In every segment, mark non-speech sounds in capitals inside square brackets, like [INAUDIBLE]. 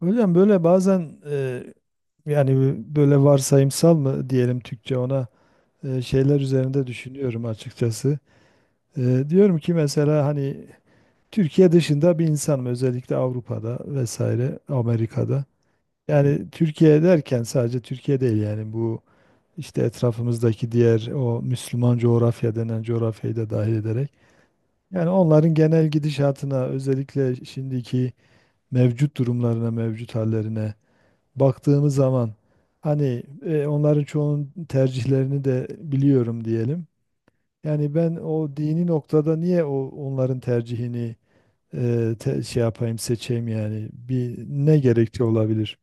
Hocam böyle bazen yani böyle varsayımsal mı diyelim Türkçe ona şeyler üzerinde düşünüyorum açıkçası. Diyorum ki mesela hani Türkiye dışında bir insanım, özellikle Avrupa'da vesaire Amerika'da. Yani Türkiye derken sadece Türkiye değil, yani bu işte etrafımızdaki diğer o Müslüman coğrafya denen coğrafyayı da dahil ederek. Yani onların genel gidişatına, özellikle şimdiki mevcut durumlarına, mevcut hallerine baktığımız zaman hani onların çoğunun tercihlerini de biliyorum diyelim. Yani ben o dini noktada niye o onların tercihini şey yapayım, seçeyim, yani bir ne gerekçe olabilir?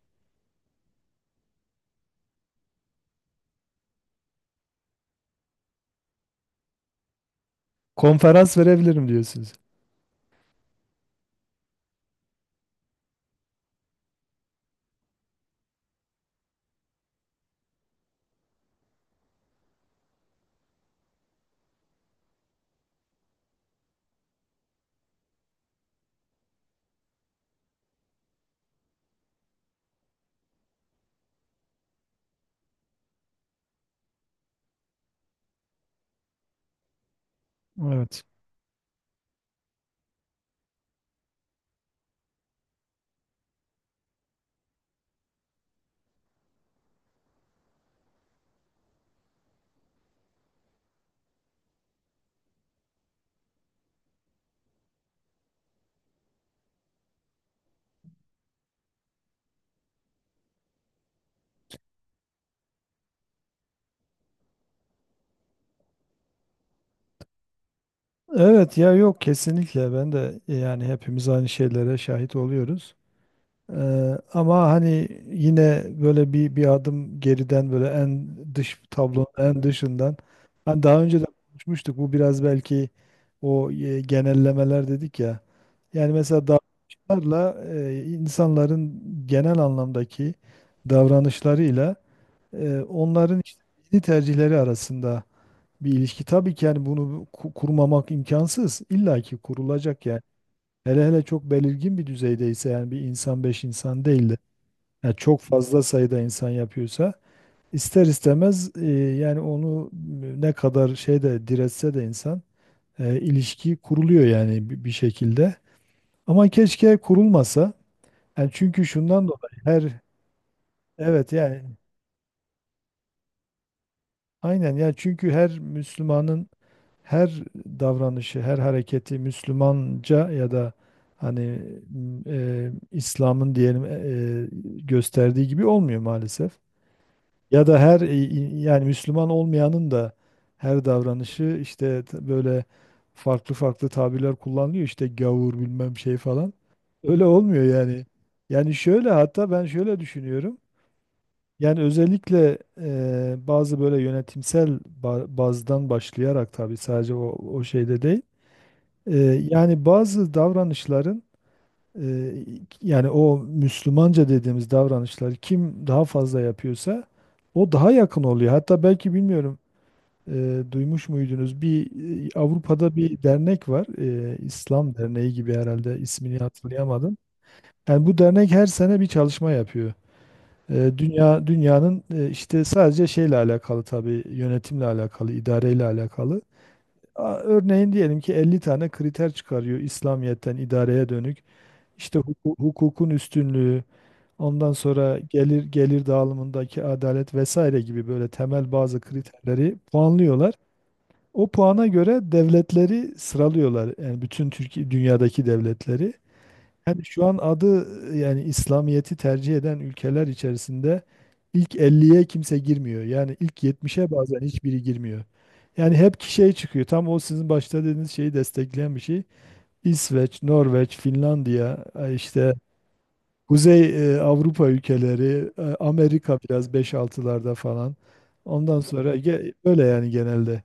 Konferans verebilirim diyorsunuz. Evet. Evet ya, yok, kesinlikle ben de yani hepimiz aynı şeylere şahit oluyoruz. Ama hani yine böyle bir adım geriden, böyle en dış tablonun en dışından. Hani daha önce de konuşmuştuk. Bu biraz belki o genellemeler dedik ya. Yani mesela davranışlarla, insanların genel anlamdaki davranışlarıyla onların işte dini tercihleri arasında bir ilişki. Tabii ki yani bunu kurmamak imkansız. İlla ki kurulacak yani. Hele hele çok belirgin bir düzeydeyse, yani bir insan, beş insan değil de yani çok fazla sayıda insan yapıyorsa, ister istemez yani onu ne kadar şeyde diretse de insan ilişki kuruluyor yani bir şekilde. Ama keşke kurulmasa. Yani çünkü şundan dolayı her evet, yani aynen, yani çünkü her Müslümanın her davranışı, her hareketi Müslümanca ya da hani İslam'ın diyelim gösterdiği gibi olmuyor maalesef. Ya da her yani Müslüman olmayanın da her davranışı işte böyle farklı farklı tabirler kullanılıyor işte gavur bilmem şey falan. Öyle olmuyor yani. Yani şöyle, hatta ben şöyle düşünüyorum. Yani özellikle bazı böyle yönetimsel bazdan başlayarak, tabii sadece o şeyde değil. E, Yani bazı davranışların, ee, yani o Müslümanca dediğimiz davranışları kim daha fazla yapıyorsa o daha yakın oluyor. Hatta belki bilmiyorum, duymuş muydunuz bir Avrupa'da bir dernek var. İslam Derneği gibi, herhalde ismini hatırlayamadım. Yani bu dernek her sene bir çalışma yapıyor. Dünyanın işte sadece şeyle alakalı, tabii yönetimle alakalı, idareyle alakalı. Örneğin diyelim ki 50 tane kriter çıkarıyor İslamiyet'ten idareye dönük. İşte hukukun üstünlüğü, ondan sonra gelir dağılımındaki adalet vesaire gibi böyle temel bazı kriterleri puanlıyorlar. O puana göre devletleri sıralıyorlar. Yani bütün Türkiye dünyadaki devletleri. Yani şu an adı, yani İslamiyet'i tercih eden ülkeler içerisinde ilk elliye kimse girmiyor. Yani ilk 70'e bazen hiçbiri girmiyor. Yani hep ki şey çıkıyor. Tam o sizin başta dediğiniz şeyi destekleyen bir şey. İsveç, Norveç, Finlandiya, işte Kuzey Avrupa ülkeleri, Amerika biraz beş altılarda falan. Ondan sonra böyle, yani genelde.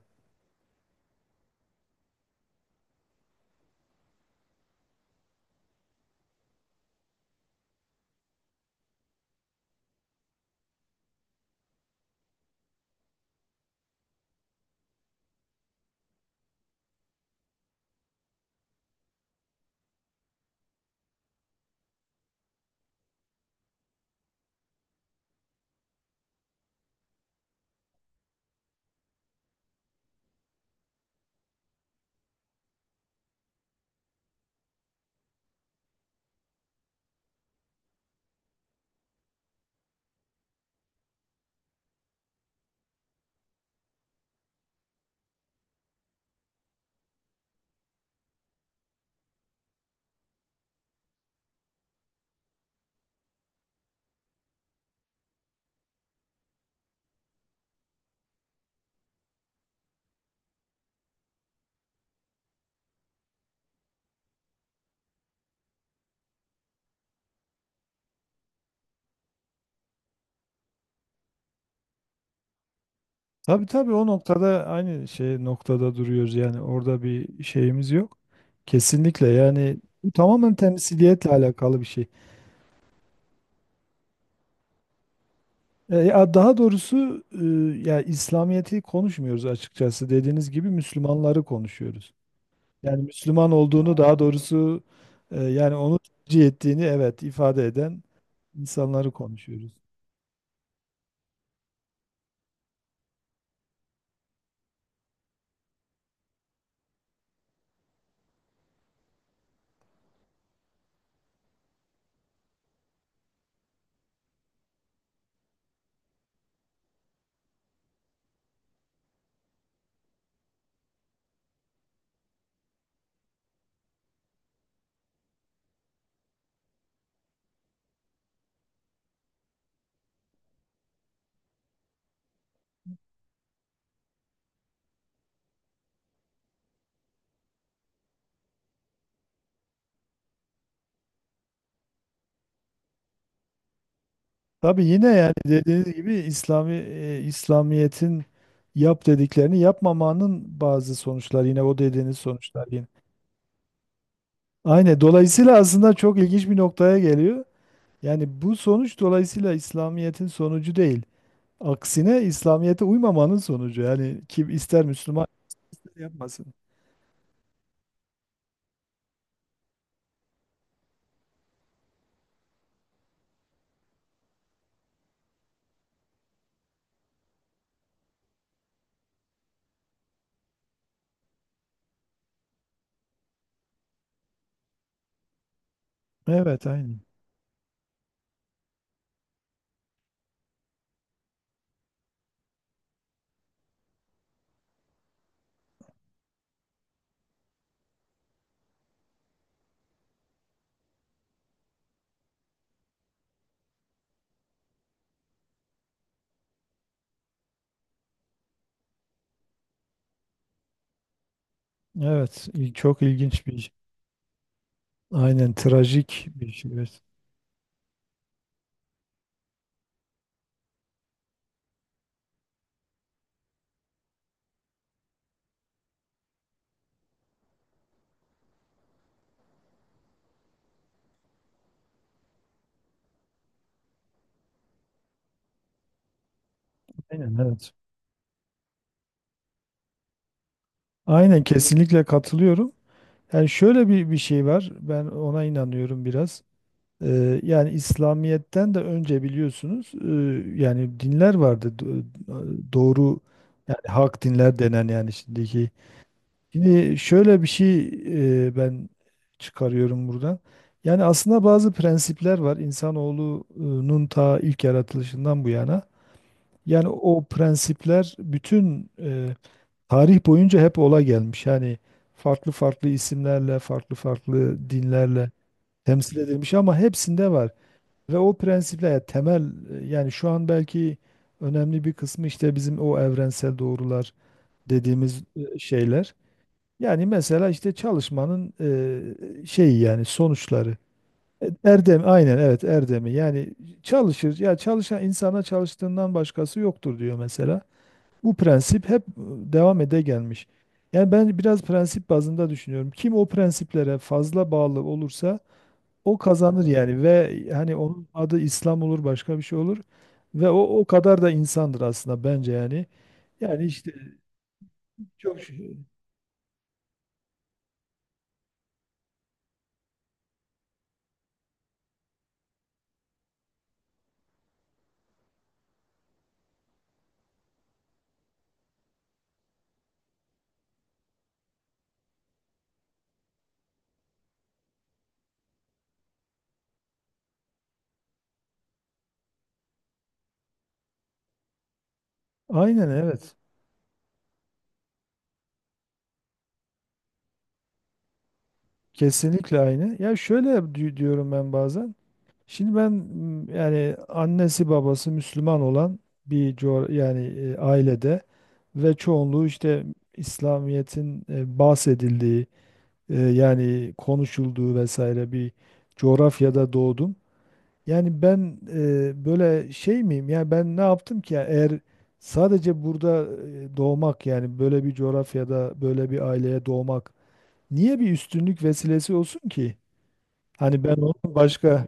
Tabii tabii, o noktada aynı şey noktada duruyoruz yani, orada bir şeyimiz yok. Kesinlikle, yani bu tamamen temsiliyetle alakalı bir şey. Ya daha doğrusu, ya İslamiyet'i konuşmuyoruz açıkçası. Dediğiniz gibi Müslümanları konuşuyoruz. Yani Müslüman olduğunu, daha doğrusu yani onu tercih ettiğini evet ifade eden insanları konuşuyoruz. Tabii, yine yani dediğiniz gibi İslamiyet'in yap dediklerini yapmamanın bazı sonuçlar, yine o dediğiniz sonuçlar yine. Aynen. Dolayısıyla aslında çok ilginç bir noktaya geliyor. Yani bu sonuç dolayısıyla İslamiyet'in sonucu değil. Aksine İslamiyet'e uymamanın sonucu. Yani kim ister Müslüman, ister yapmasın. Evet, aynen. Evet, çok ilginç bir şey. Aynen, trajik bir şey. Evet. Aynen, evet. Aynen, kesinlikle katılıyorum. Yani şöyle bir şey var. Ben ona inanıyorum biraz. Yani İslamiyet'ten de önce biliyorsunuz, yani dinler vardı. Doğru, yani hak dinler denen, yani şimdiki. Şimdi şöyle bir şey ben çıkarıyorum buradan. Yani aslında bazı prensipler var. İnsanoğlunun ta ilk yaratılışından bu yana. Yani o prensipler bütün tarih boyunca hep ola gelmiş. Yani farklı farklı isimlerle, farklı farklı dinlerle temsil edilmiş ama hepsinde var. Ve o prensipler, yani temel yani şu an belki önemli bir kısmı işte bizim o evrensel doğrular dediğimiz şeyler. Yani mesela işte çalışmanın şeyi, yani sonuçları. Erdem aynen, evet, erdemi, yani çalışır ya, çalışan insana çalıştığından başkası yoktur diyor mesela. Bu prensip hep devam ede gelmiş. Yani ben biraz prensip bazında düşünüyorum. Kim o prensiplere fazla bağlı olursa o kazanır yani, ve hani onun adı İslam olur, başka bir şey olur ve o kadar da insandır aslında bence yani. Yani işte çok şey- aynen, evet. Kesinlikle aynı. Ya şöyle diyorum ben bazen. Şimdi ben yani annesi babası Müslüman olan bir yani ailede ve çoğunluğu işte İslamiyet'in bahsedildiği, yani konuşulduğu vesaire bir coğrafyada doğdum. Yani ben böyle şey miyim? Yani ben ne yaptım ki? Yani eğer sadece burada doğmak, yani böyle bir coğrafyada böyle bir aileye doğmak niye bir üstünlük vesilesi olsun ki? Hani ben onun başka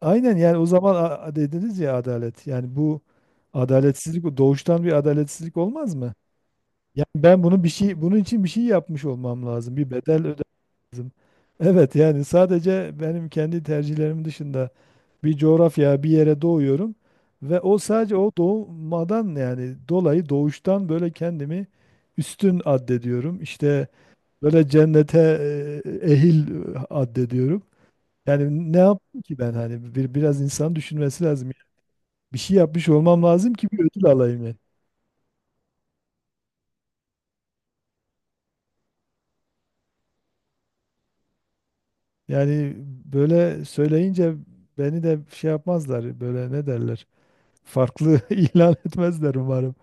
aynen, yani o zaman dediniz ya adalet. Yani bu adaletsizlik, bu doğuştan bir adaletsizlik olmaz mı? Yani ben bunu bir şey, bunun için bir şey yapmış olmam lazım. Bir bedel ödemem lazım. Evet, yani sadece benim kendi tercihlerim dışında bir coğrafya, bir yere doğuyorum ve o sadece o doğmadan yani dolayı doğuştan böyle kendimi üstün addediyorum. İşte böyle cennete ehil addediyorum. Yani ne yaptım ki ben, hani bir, biraz insan düşünmesi lazım. Yani bir şey yapmış olmam lazım ki bir ödül alayım ben. Yani böyle söyleyince beni de şey yapmazlar böyle, ne derler. Farklı [LAUGHS] ilan etmezler umarım.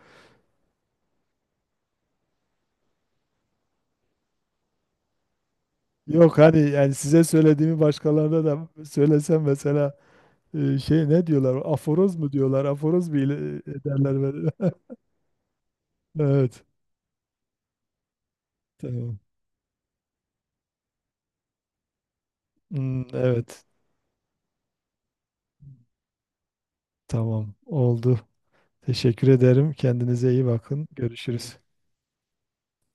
Yok, hani yani size söylediğimi başkalarına da söylesem mesela, şey ne diyorlar? Aforoz mu diyorlar? Aforoz mu ederler beni? [LAUGHS] Evet. Tamam. Hmm, evet. Tamam. Oldu. Teşekkür ederim. Kendinize iyi bakın. Görüşürüz.